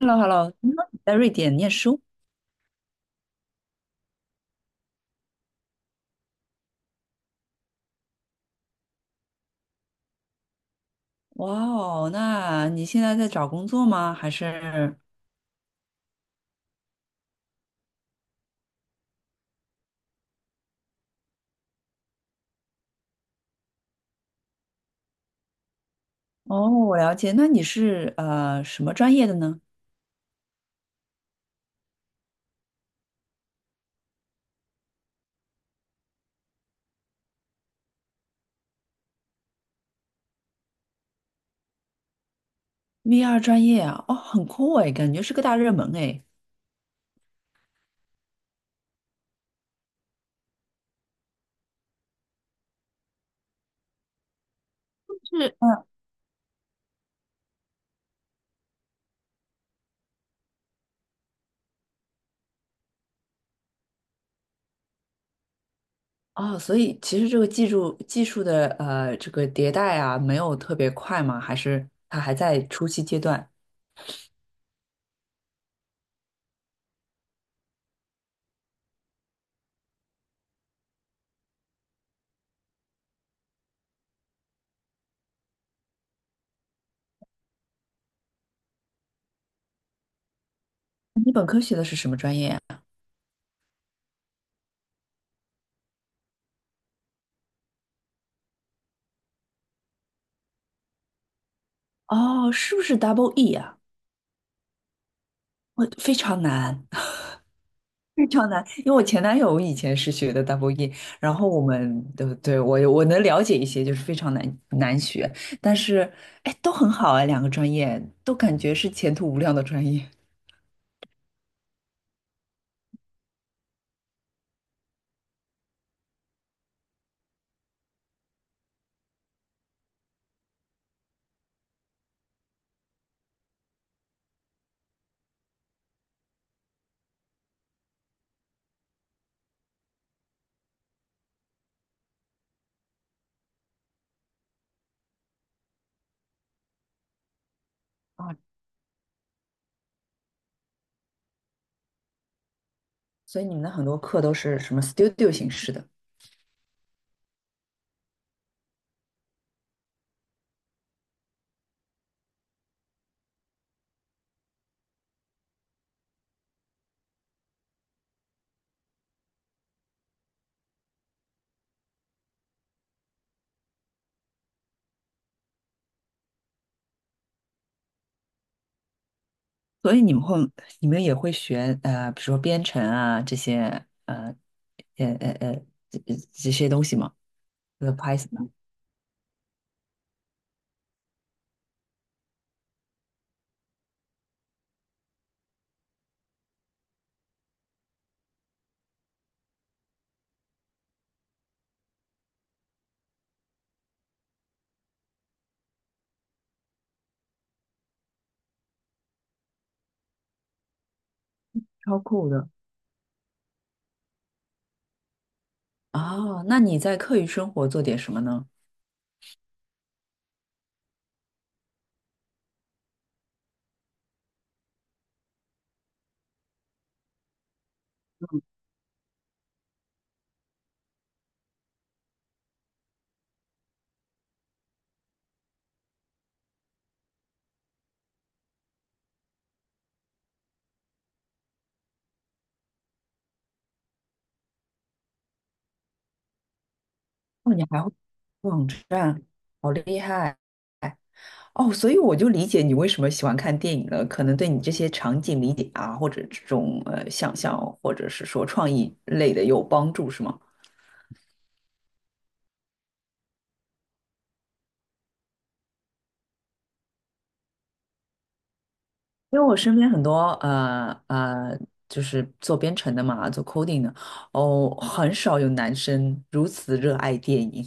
Hello,Hello,听说你在瑞典念书。哇哦，那你现在在找工作吗？还是？哦，我了解。那你是什么专业的呢？VR 专业啊，哦，很酷哎，感觉是个大热门哎。是，嗯。哦，所以其实这个技术的这个迭代啊，没有特别快吗？还是它还在初期阶段？你本科学的是什么专业啊？哦，是不是 Double E 啊？我非常难。非常难，因为我前男友以前是学的 double E，然后我们对我能了解一些，就是非常难学，但是哎都很好哎，两个专业都感觉是前途无量的专业。啊，所以你们的很多课都是什么 studio 形式的。所以你们会，你们也会学比如说编程啊这些呃呃呃这这些东西吗？e Python 超酷的。哦，那你在课余生活做点什么呢？哦，你还会网站，好厉害。哦，所以我就理解你为什么喜欢看电影了，可能对你这些场景理解啊，或者这种想象，或者是说创意类的有帮助，是吗？因为我身边很多呃呃，就是做编程的嘛，做 coding 的。哦，很少有男生如此热爱电影。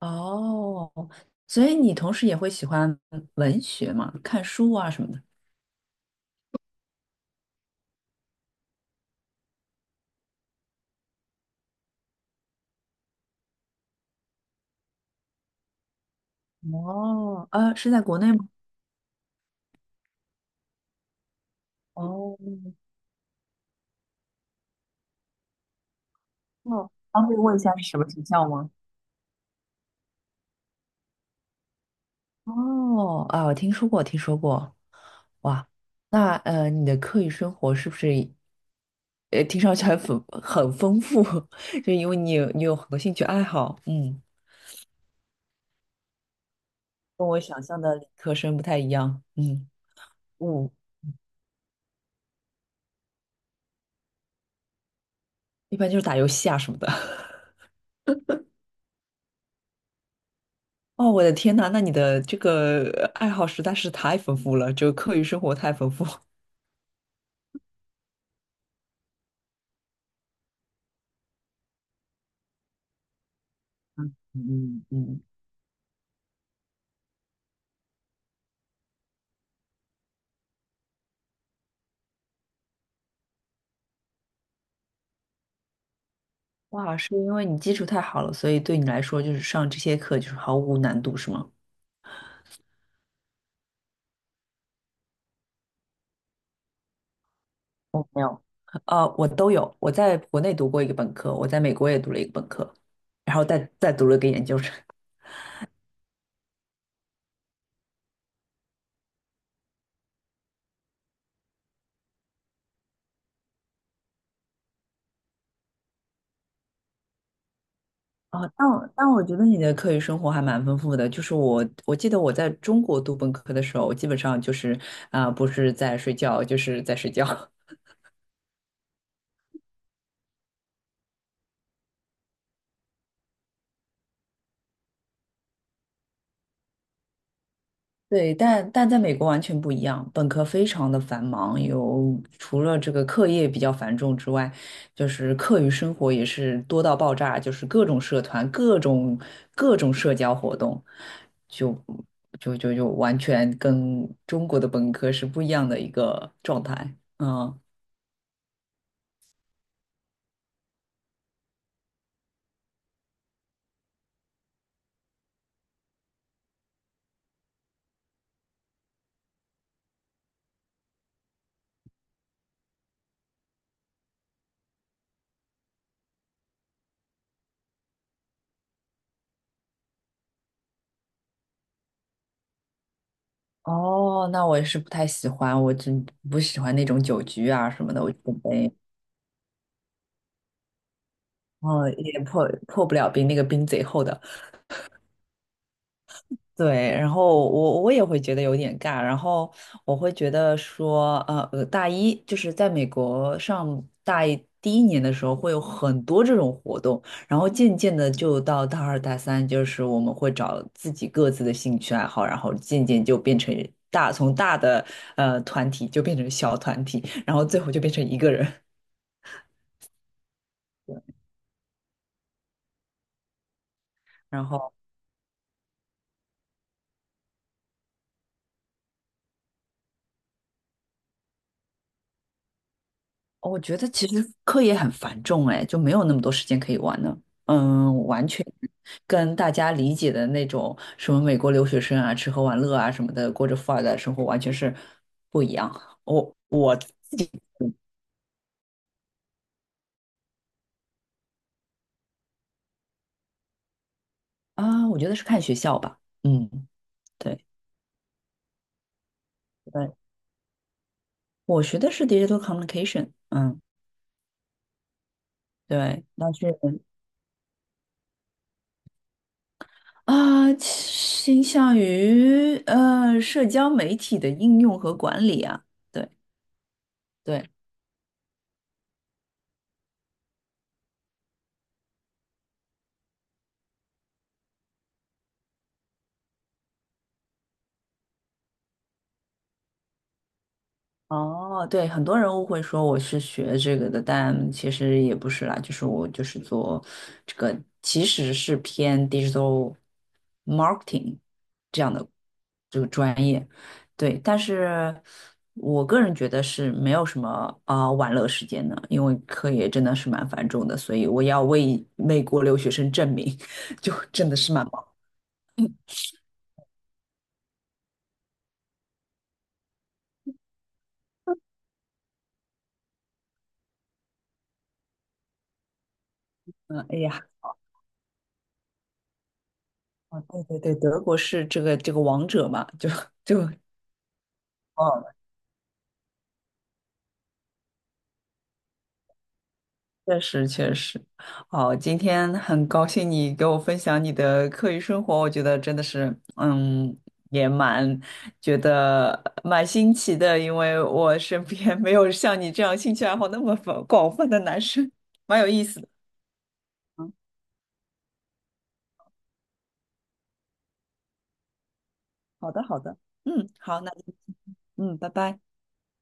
哦，所以你同时也会喜欢文学嘛，看书啊什么的。哦，呃，是在国内吗？哦。哦，方便问一下是什么学校吗？哦，啊，我听说过，听说过。哇，那呃，你的课余生活是不是，呃，听上去还很丰富。就因为你有很多兴趣爱好，嗯。跟我想象的理科生不太一样，嗯嗯。我一般就是打游戏啊什么的。哦，我的天呐，那你的这个爱好实在是太丰富了，就课余生活太丰富。嗯嗯嗯。哇，是因为你基础太好了，所以对你来说就是上这些课就是毫无难度，是吗？呃，我都有，我在国内读过一个本科，我在美国也读了一个本科，然后再读了个研究生。哦，但我觉得你的课余生活还蛮丰富的。就是我记得我在中国读本科的时候，基本上就是啊、不是在睡觉，就是在睡觉。对，但在美国完全不一样，本科非常的繁忙，有除了这个课业比较繁重之外，就是课余生活也是多到爆炸，就是各种社团、各种社交活动，就就完全跟中国的本科是不一样的一个状态。嗯。哦，那我也是不太喜欢，我真不喜欢那种酒局啊什么的，我就准备，嗯，也破不了冰，那个冰贼厚的。对，然后我也会觉得有点尬，然后我会觉得说，大一就是在美国上大一第一年的时候会有很多这种活动，然后渐渐的就到大二大三，就是我们会找自己各自的兴趣爱好，然后渐渐就变成大，从大的团体就变成小团体，然后最后就变成一个人。然后我觉得其实课业很繁重，哎，就没有那么多时间可以玩呢。嗯，完全跟大家理解的那种什么美国留学生啊，吃喝玩乐啊什么的，过着富二代的生活，完全是不一样。我自己啊，我觉得是看学校吧。嗯，对对，我学的是 digital communication。嗯，对，那是啊，倾向于社交媒体的应用和管理啊。对对。哦，对，很多人误会说我是学这个的，但其实也不是啦，就是我就是做这个，其实是偏 digital marketing 这样的这个专业。对，但是我个人觉得是没有什么啊、玩乐时间的，因为课业真的是蛮繁重的，所以我要为美国留学生证明，就真的是蛮忙。嗯，哎呀，对对对，德国是这个王者嘛，就。哦。确实确实。哦，今天很高兴你给我分享你的课余生活，我觉得真的是，嗯，也蛮觉得蛮新奇的，因为我身边 没有像你这样兴趣爱好那么广泛的男生，蛮有意思的。嗯，好的好的，嗯，好，那就嗯，拜拜。